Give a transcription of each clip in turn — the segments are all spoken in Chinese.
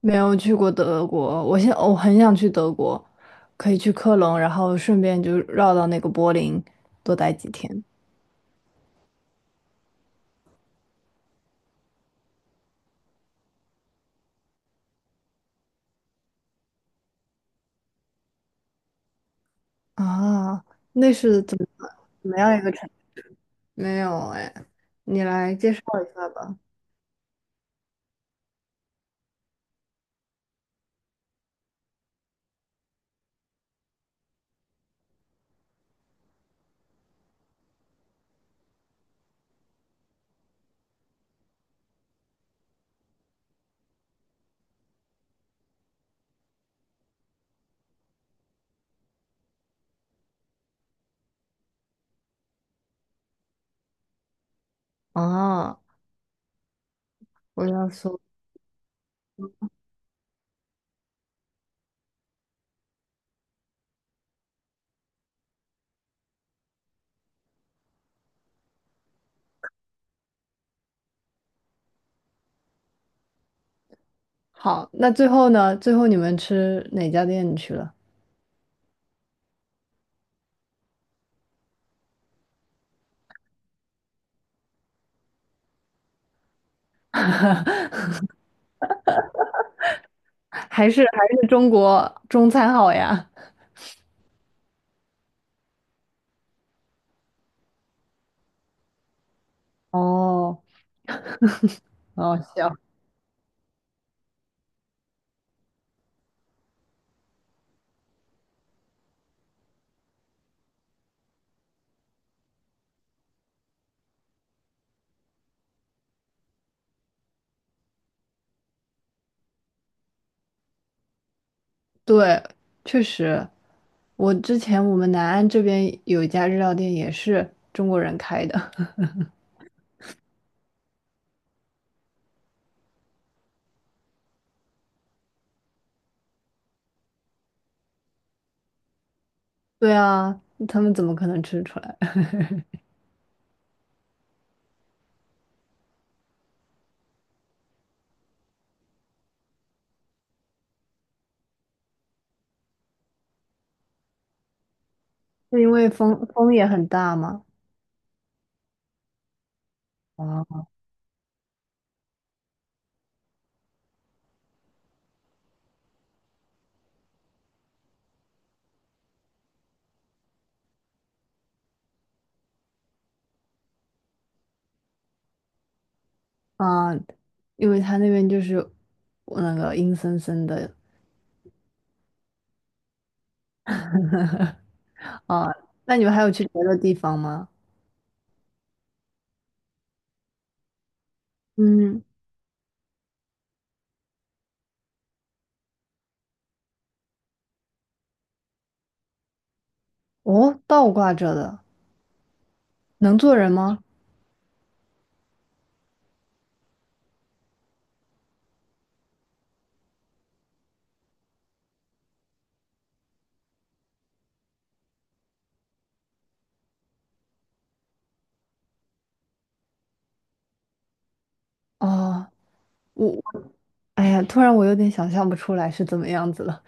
没有去过德国，我很想去德国，可以去科隆，然后顺便就绕到那个柏林多待几天啊。那是怎么样一个城？没有哎，你来介绍一下吧。啊，我要说好，那最后呢？最后你们吃哪家店去了？还是中国中餐好呀？哦，哦，行，对，确实。我之前我们南安这边有一家日料店，也是中国人开的。对啊，他们怎么可能吃出来？是因为风也很大吗？啊啊，因为他那边就是那个阴森森的啊。那你们还有去别的地方吗？嗯，哦，倒挂着的，能坐人吗？哦，我，哎呀，突然我有点想象不出来是怎么样子了。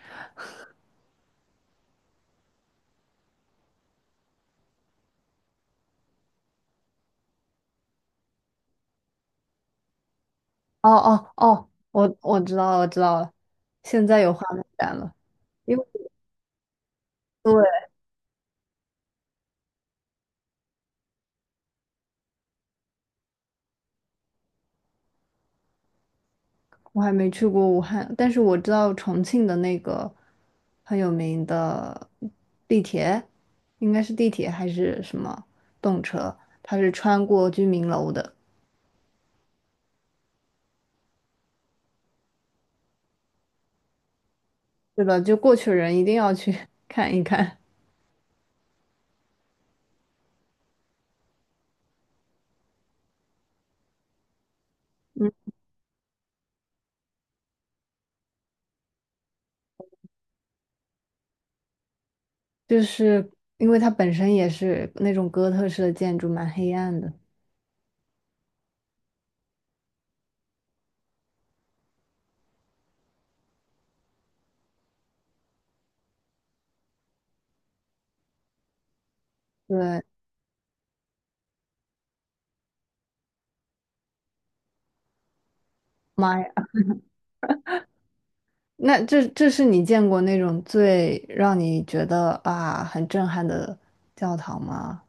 哦哦哦，我知道了，我知道了，现在有画面感了，因为。对。我还没去过武汉，但是我知道重庆的那个很有名的地铁，应该是地铁还是什么动车，它是穿过居民楼的，对吧？就过去人一定要去 看一看，就是因为它本身也是那种哥特式的建筑，蛮黑暗的。对，妈呀，那这是你见过那种最让你觉得啊很震撼的教堂吗？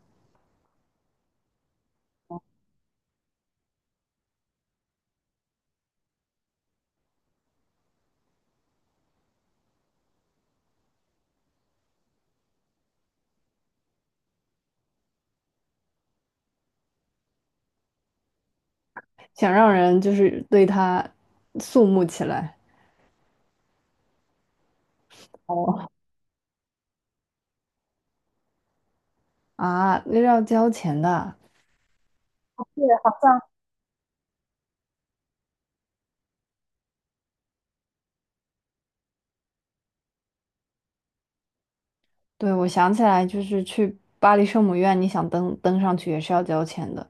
想让人就是对他肃穆起来。哦，啊，那是要交钱的。对，我想起来，就是去巴黎圣母院，你想登上去也是要交钱的。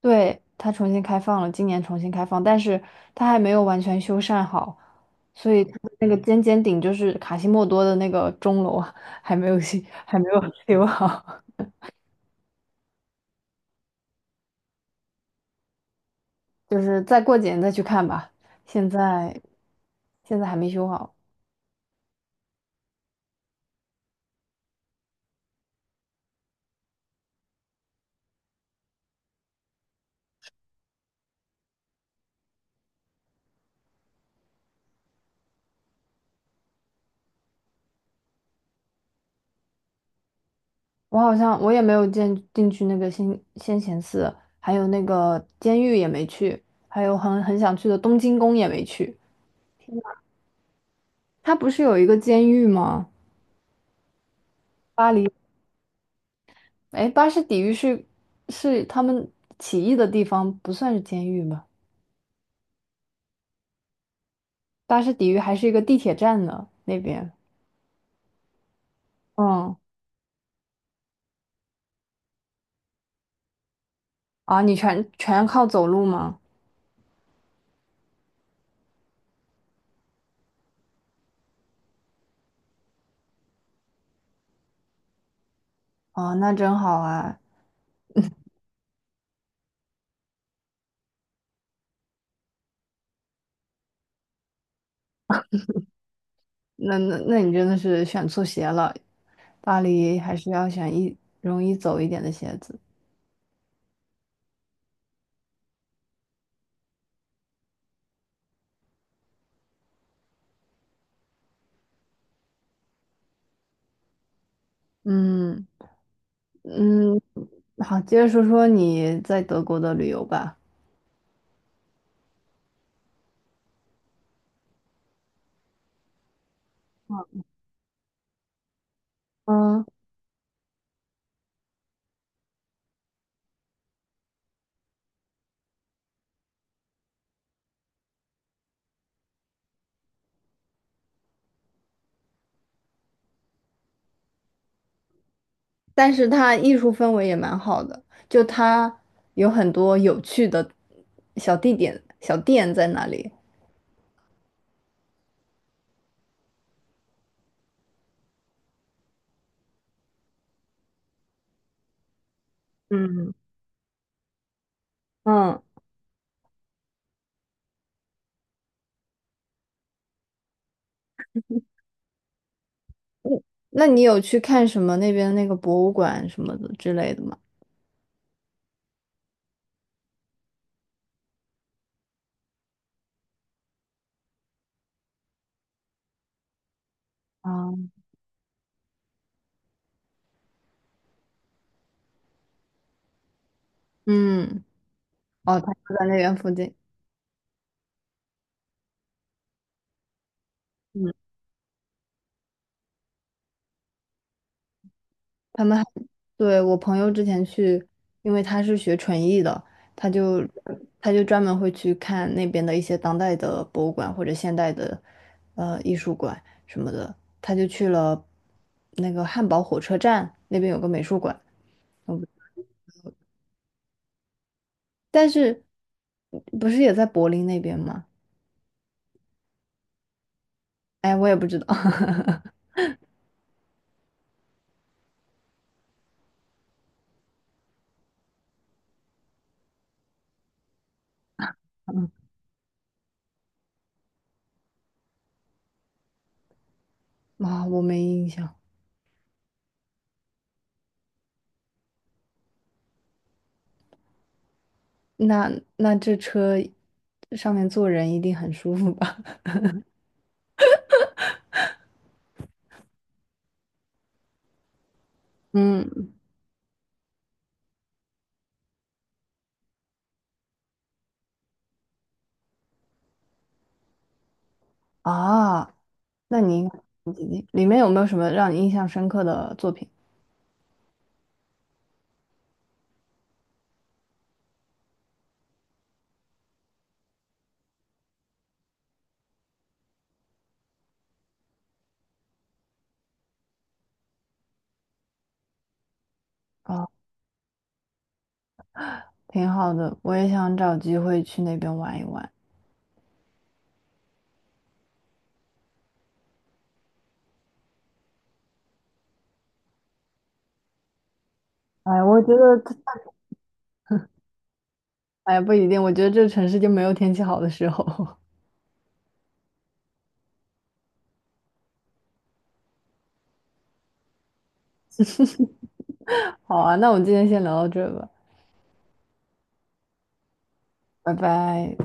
对，它重新开放了，今年重新开放，但是它还没有完全修缮好，所以 它的那个尖尖顶就是卡西莫多的那个钟楼啊还没有修，还没有 修好，就是再过几年再去看吧。现在现在还没修好。我好像也没有进去那个先贤寺，还有那个监狱也没去，还有很想去的东京宫也没去。它不是有一个监狱吗？巴黎，哎，巴士底狱是是他们起义的地方，不算是监狱吧？巴士底狱还是一个地铁站呢，那边。嗯，啊，你全靠走路吗？啊，那真好啊，那你真的是选错鞋了，巴黎还是要选一容易走一点的鞋子。嗯。嗯，好，接着说说你在德国的旅游吧。嗯，但是它艺术氛围也蛮好的，就它有很多有趣的小地点、小店在那里。嗯，嗯，那你有去看什么那边那个博物馆什么的之类的吗？啊，嗯，哦，它就在那边附近。嗯。他们还对我朋友之前去，因为他是学纯艺的，他就他就专门会去看那边的一些当代的博物馆或者现代的艺术馆什么的。他就去了那个汉堡火车站那边有个美术馆，我不但是不是也在柏林那边吗？哎，我也不知道 啊，我没印象。那那这车上面坐人一定很舒服吧？嗯啊。那你应该很激励里面有没有什么让你印象深刻的作品？啊？挺好的，我也想找机会去那边玩一玩。哎，我觉得它 哎，不一定，我觉得这城市就没有天气好的时候。好啊，那我们今天先聊到这吧，拜拜。